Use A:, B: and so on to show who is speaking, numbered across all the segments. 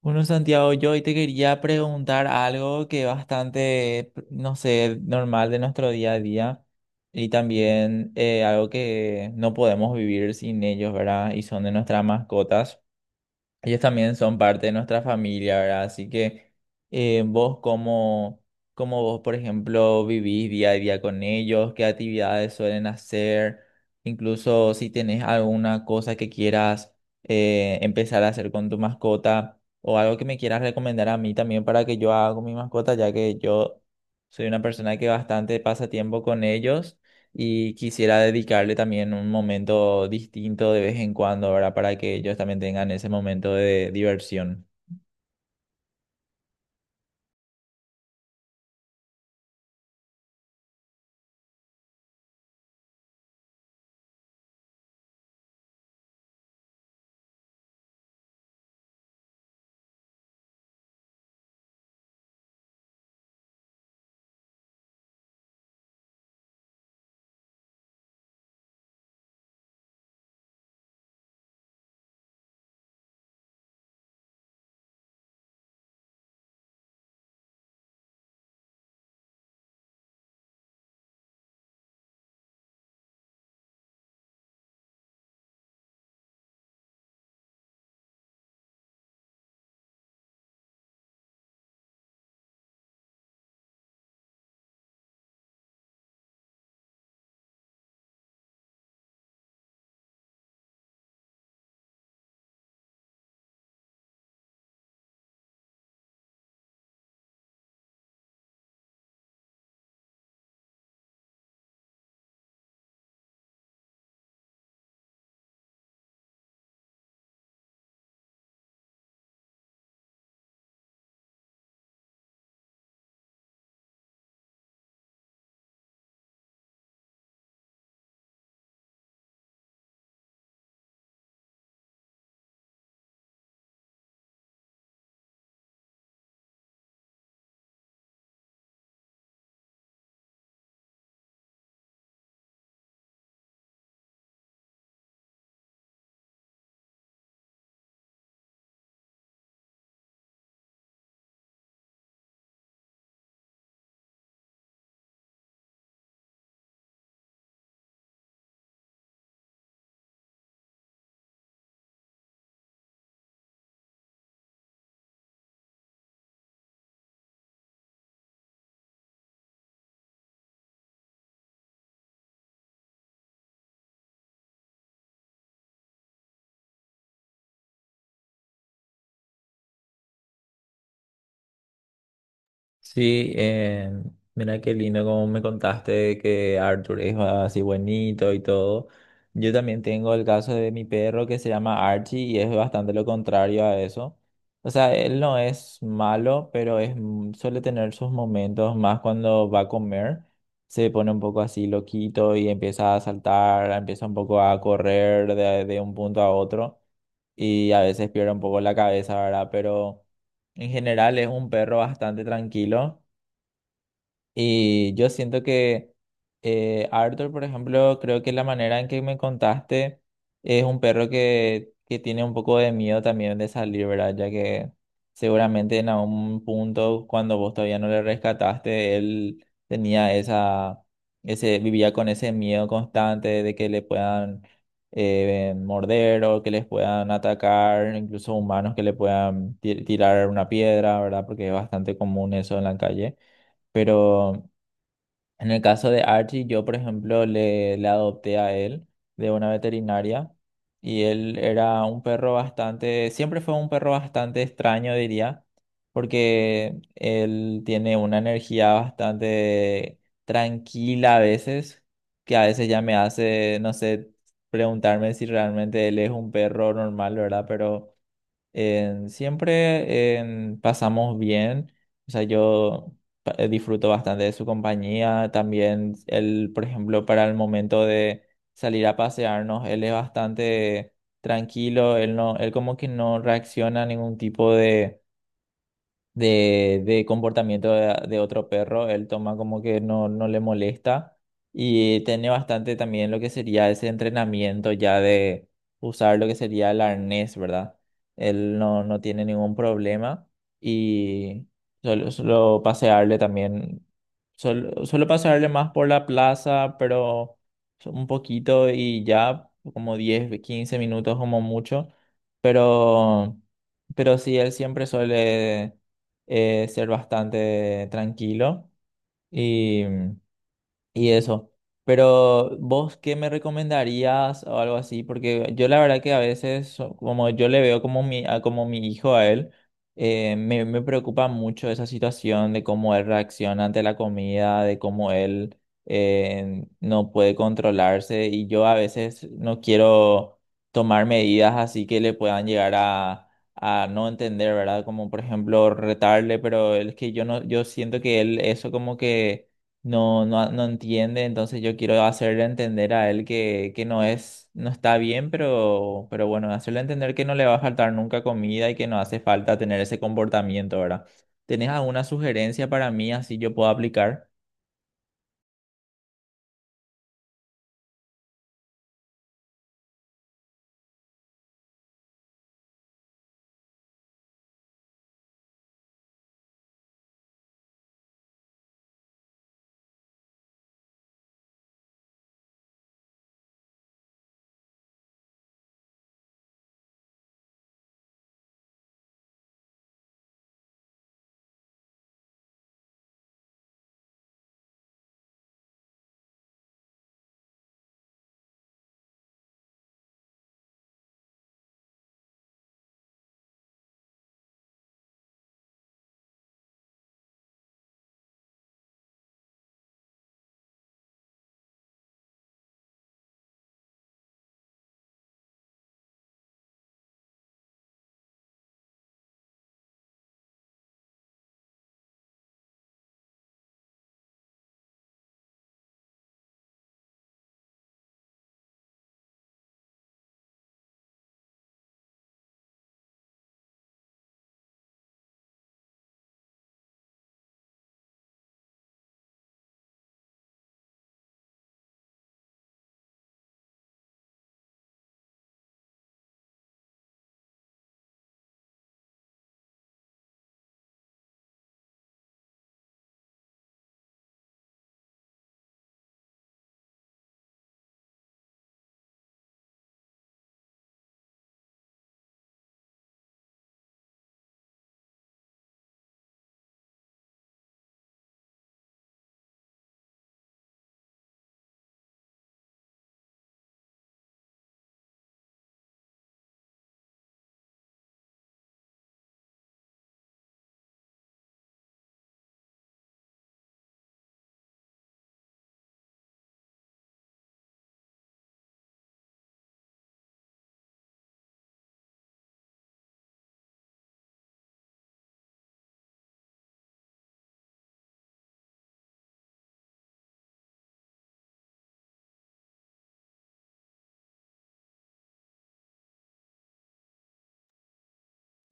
A: Bueno, Santiago, yo hoy te quería preguntar algo que es bastante, no sé, normal de nuestro día a día y también algo que no podemos vivir sin ellos, ¿verdad? Y son de nuestras mascotas. Ellos también son parte de nuestra familia, ¿verdad? Así que vos cómo, cómo vos, por ejemplo, vivís día a día con ellos, qué actividades suelen hacer, incluso si tenés alguna cosa que quieras empezar a hacer con tu mascota o algo que me quieras recomendar a mí también para que yo haga con mi mascota, ya que yo soy una persona que bastante pasa tiempo con ellos y quisiera dedicarle también un momento distinto de vez en cuando, ¿verdad? Para que ellos también tengan ese momento de diversión. Sí, mira qué lindo como me contaste que Arthur es así buenito y todo. Yo también tengo el caso de mi perro que se llama Archie y es bastante lo contrario a eso. O sea, él no es malo, pero es, suele tener sus momentos más cuando va a comer. Se pone un poco así loquito y empieza a saltar, empieza un poco a correr de un punto a otro y a veces pierde un poco la cabeza, ¿verdad? Pero... En general es un perro bastante tranquilo y yo siento que Arthur, por ejemplo, creo que la manera en que me contaste es un perro que tiene un poco de miedo también de salir, ¿verdad? Ya que seguramente en algún punto cuando vos todavía no le rescataste, él tenía esa, vivía con ese miedo constante de que le puedan morder o que les puedan atacar, incluso humanos que le puedan tirar una piedra, ¿verdad? Porque es bastante común eso en la calle. Pero en el caso de Archie, yo, por ejemplo, le adopté a él de una veterinaria y él era un perro bastante, siempre fue un perro bastante extraño, diría, porque él tiene una energía bastante tranquila a veces, que a veces ya me hace, no sé, preguntarme si realmente él es un perro normal, ¿verdad? Pero pasamos bien, o sea, yo disfruto bastante de su compañía, también él, por ejemplo, para el momento de salir a pasearnos, él es bastante tranquilo, él no, él como que no reacciona a ningún tipo de comportamiento de otro perro, él toma como que no, no le molesta y tiene bastante también lo que sería ese entrenamiento ya de usar lo que sería el arnés, ¿verdad? Él no, no tiene ningún problema y solo pasearle también, solo pasearle más por la plaza, pero un poquito y ya como 10 15 minutos como mucho, pero... Pero sí, él siempre suele ser bastante tranquilo y, y eso. Pero vos, ¿qué me recomendarías o algo así? Porque yo la verdad que a veces, como yo le veo como como mi hijo a él, me preocupa mucho esa situación de cómo él reacciona ante la comida, de cómo él no puede controlarse y yo a veces no quiero tomar medidas así que le puedan llegar a no entender, ¿verdad? Como por ejemplo retarle, pero es que yo no, yo siento que él eso como que no, no entiende, entonces yo quiero hacerle entender a él que no es, no está bien, pero bueno, hacerle entender que no le va a faltar nunca comida y que no hace falta tener ese comportamiento, ¿verdad? ¿Tenés alguna sugerencia para mí así yo puedo aplicar?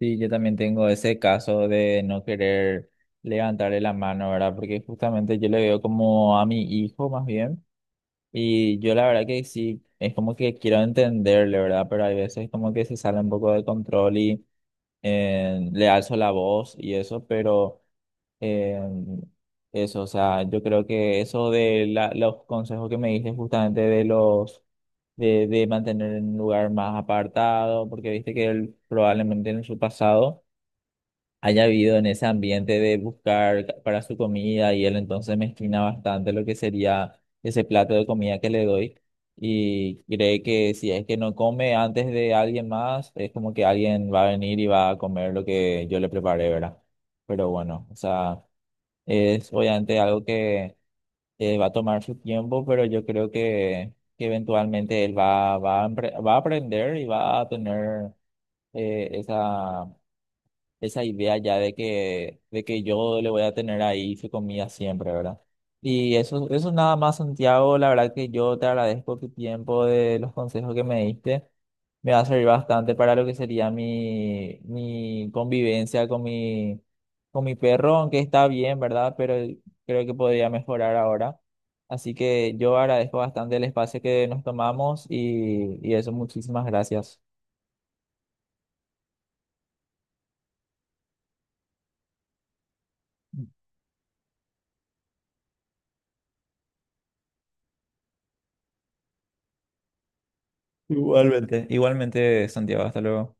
A: Sí, yo también tengo ese caso de no querer levantarle la mano, ¿verdad? Porque justamente yo le veo como a mi hijo más bien. Y yo la verdad que sí, es como que quiero entenderle, ¿verdad? Pero hay veces como que se sale un poco de control y le alzo la voz y eso, pero eh, eso, o sea, yo creo que eso de los consejos que me diste justamente de los de mantener en un lugar más apartado, porque viste que él probablemente en su pasado haya habido en ese ambiente de buscar para su comida y él entonces mezquina bastante lo que sería ese plato de comida que le doy y cree que si es que no come antes de alguien más, es como que alguien va a venir y va a comer lo que yo le preparé, ¿verdad? Pero bueno, o sea, es obviamente algo que va a tomar su tiempo, pero yo creo que eventualmente él va, a va a aprender y va a tener esa esa idea ya de que yo le voy a tener ahí su comida siempre, ¿verdad? Y eso nada más, Santiago, la verdad que yo te agradezco tu tiempo, de los consejos que me diste. Me va a servir bastante para lo que sería mi, mi convivencia con mi perro, aunque está bien, ¿verdad? Pero creo que podría mejorar ahora. Así que yo agradezco bastante el espacio que nos tomamos y eso, muchísimas gracias. Igualmente, igualmente, Santiago, hasta luego.